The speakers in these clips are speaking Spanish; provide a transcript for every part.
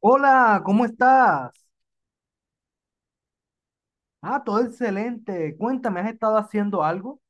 Hola, ¿cómo estás? Ah, todo excelente. Cuéntame, ¿has estado haciendo algo?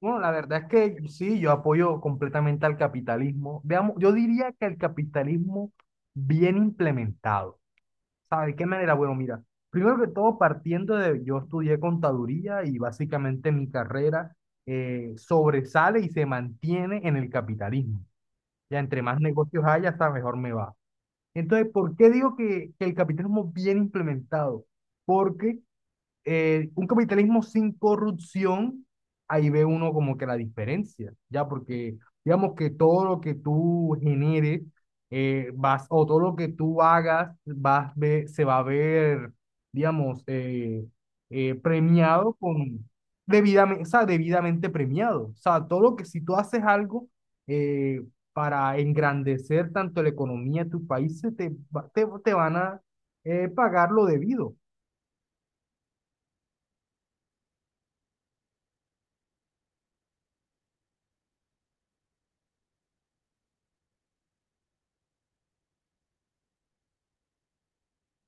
Bueno, la verdad es que sí, yo apoyo completamente al capitalismo. Veamos, yo diría que el capitalismo bien implementado. ¿Sabe de qué manera? Bueno, mira, primero que todo, partiendo de, yo estudié contaduría y básicamente mi carrera sobresale y se mantiene en el capitalismo. Ya entre más negocios haya, hasta mejor me va. Entonces, ¿por qué digo que el capitalismo bien implementado? Porque un capitalismo sin corrupción, ahí ve uno como que la diferencia, ya, porque digamos que todo lo que tú generes, o todo lo que tú hagas, se va a ver, digamos, premiado con, debidamente, o sea, debidamente premiado. O sea, todo lo que si tú haces algo eh, para engrandecer tanto la economía de tu país, se te, va- te van a pagar lo debido.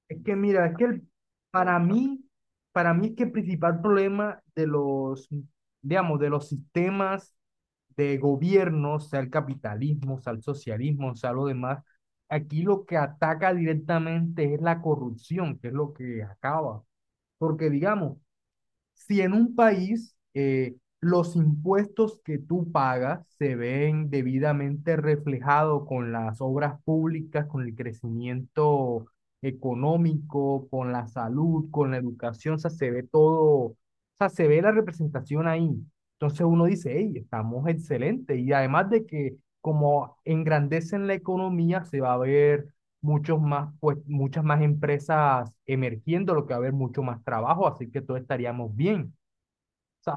Es que mira, es que el- Para mí, para mí es que el principal problema de los, digamos, de los sistemas de gobierno, sea el capitalismo, sea el socialismo, sea lo demás, aquí lo que ataca directamente es la corrupción, que es lo que acaba. Porque digamos, si en un país los impuestos que tú pagas se ven debidamente reflejados con las obras públicas, con el crecimiento económico, con la salud, con la educación, o sea, se ve todo, o sea, se ve la representación ahí. Entonces uno dice, hey, estamos excelentes. Y además de que como engrandecen la economía, se va a ver muchos más, pues, muchas más empresas emergiendo, lo que va a haber mucho más trabajo, así que todos estaríamos bien. O sea,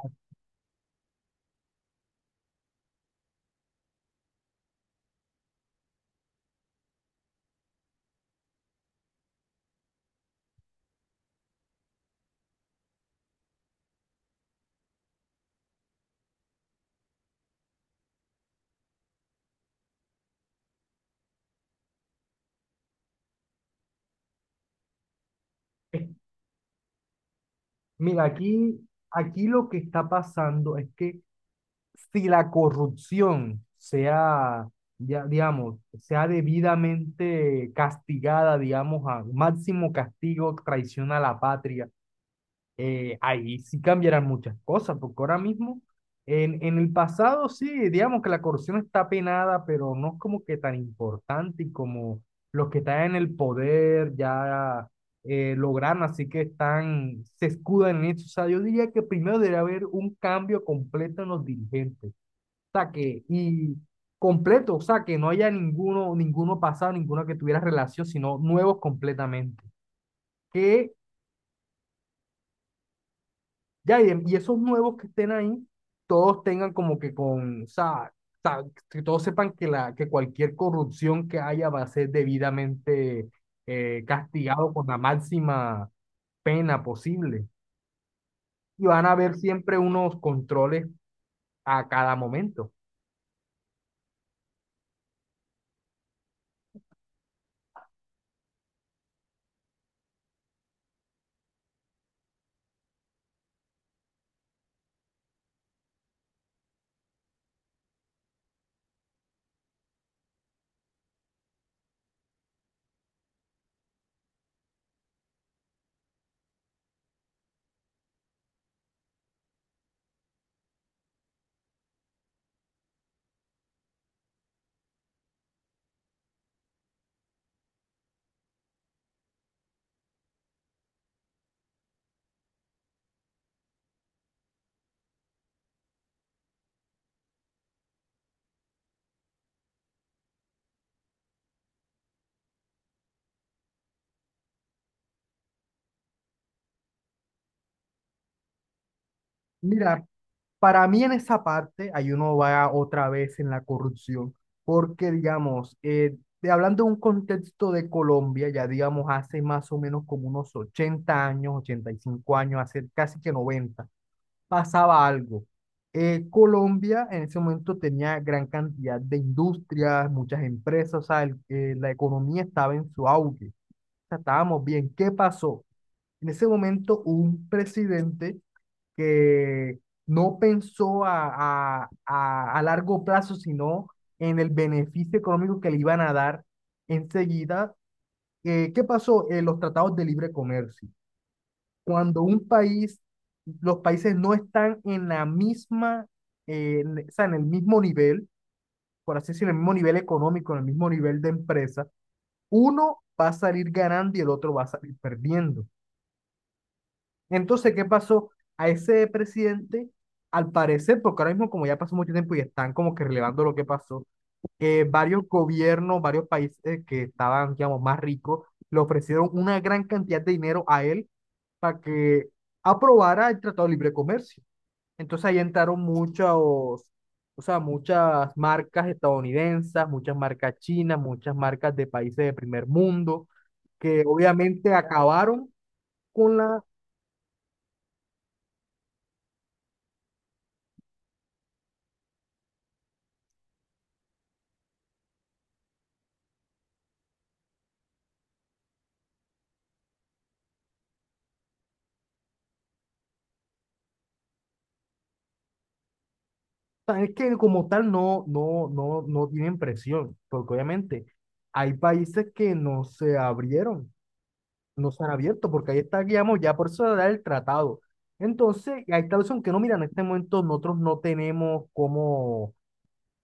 eh, mira, aquí lo que está pasando es que si la corrupción sea, ya, digamos, sea debidamente castigada, digamos, a máximo castigo, traición a la patria, ahí sí cambiarán muchas cosas, porque ahora mismo, en el pasado sí, digamos que la corrupción está penada, pero no es como que tan importante y como los que están en el poder ya lograron, así que están, se escudan en eso. O sea, yo diría que primero debe haber un cambio completo en los dirigentes, o sea, que, y completo, o sea, que no haya ninguno, ninguno pasado, ninguno que tuviera relación, sino nuevos completamente. Que ya, y esos nuevos que estén ahí, todos tengan como que con, o sea, sa- que todos sepan que, que cualquier corrupción que haya va a ser debidamente castigado con la máxima pena posible. Y van a haber siempre unos controles a cada momento. Mira, para mí en esa parte, ahí uno va otra vez en la corrupción, porque digamos, hablando de un contexto de Colombia, ya digamos hace más o menos como unos 80 años, 85 años, hace casi que 90 pasaba algo. Colombia en ese momento tenía gran cantidad de industrias, muchas empresas, o sea, la economía estaba en su auge, o sea, estábamos bien. ¿Qué pasó? En ese momento hubo un presidente que no pensó a largo plazo, sino en el beneficio económico que le iban a dar enseguida. ¿Qué pasó? En los tratados de libre comercio. Cuando un país, los países no están en la misma, o sea, en el mismo nivel, por así decirlo, en el mismo nivel económico, en el mismo nivel de empresa, uno va a salir ganando y el otro va a salir perdiendo. Entonces, ¿qué pasó? A ese presidente, al parecer, porque ahora mismo como ya pasó mucho tiempo y están como que relevando lo que pasó, varios gobiernos, varios países que estaban, digamos, más ricos, le ofrecieron una gran cantidad de dinero a él para que aprobara el Tratado de Libre Comercio. Entonces ahí entraron muchos, o sea, muchas marcas estadounidenses, muchas marcas chinas, muchas marcas de países de primer mundo, que obviamente acabaron con la... Sea, es que como tal no tienen presión, porque obviamente hay países que no se abrieron, no se han abierto, porque ahí está, digamos, ya por eso da el tratado. Entonces, hay tal son que no, mira, en este momento nosotros no tenemos cómo...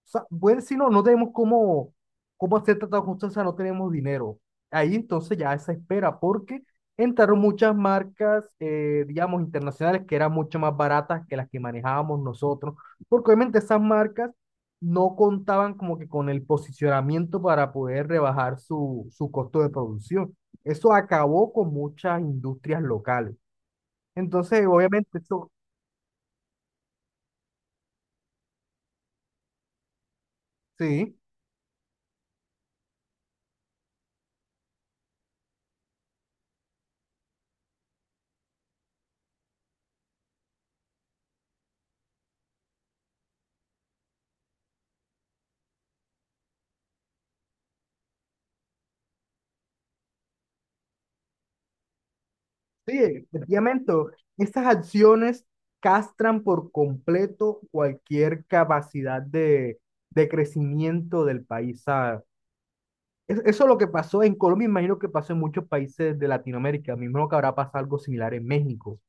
Sea, bueno, si no, no tenemos cómo, cómo hacer tratados con... O sea, no tenemos dinero. Ahí entonces ya esa espera, porque entraron muchas marcas, digamos, internacionales que eran mucho más baratas que las que manejábamos nosotros, porque obviamente esas marcas no contaban como que con el posicionamiento para poder rebajar su costo de producción. Eso acabó con muchas industrias locales. Entonces, obviamente, eso, sí. Sí, efectivamente, estas acciones castran por completo cualquier capacidad de crecimiento del país, ¿sabes? Eso es lo que pasó en Colombia, imagino que pasó en muchos países de Latinoamérica, me imagino que habrá pasado algo similar en México,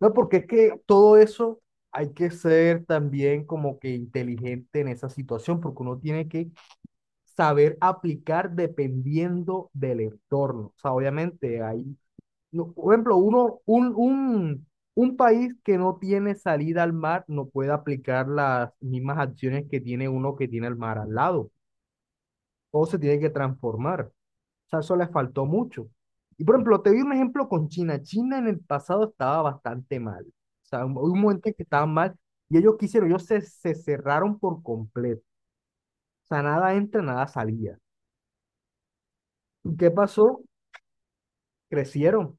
¿no? Porque es que todo eso hay que ser también como que inteligente en esa situación, porque uno tiene que saber aplicar dependiendo del entorno. O sea, obviamente hay no, por ejemplo, un país que no tiene salida al mar no puede aplicar las mismas acciones que tiene uno que tiene el mar al lado. Todo se tiene que transformar. O sea, eso les faltó mucho. Y por ejemplo, te doy un ejemplo con China. China en el pasado estaba bastante mal. O sea, hubo un momento en que estaban mal y ellos quisieron, ellos se, se cerraron por completo. O sea, nada entra, nada salía. ¿Y qué pasó? Crecieron.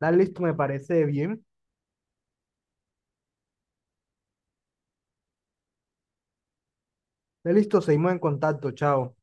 Dale, listo, me parece bien. Dale, listo, seguimos en contacto. Chao.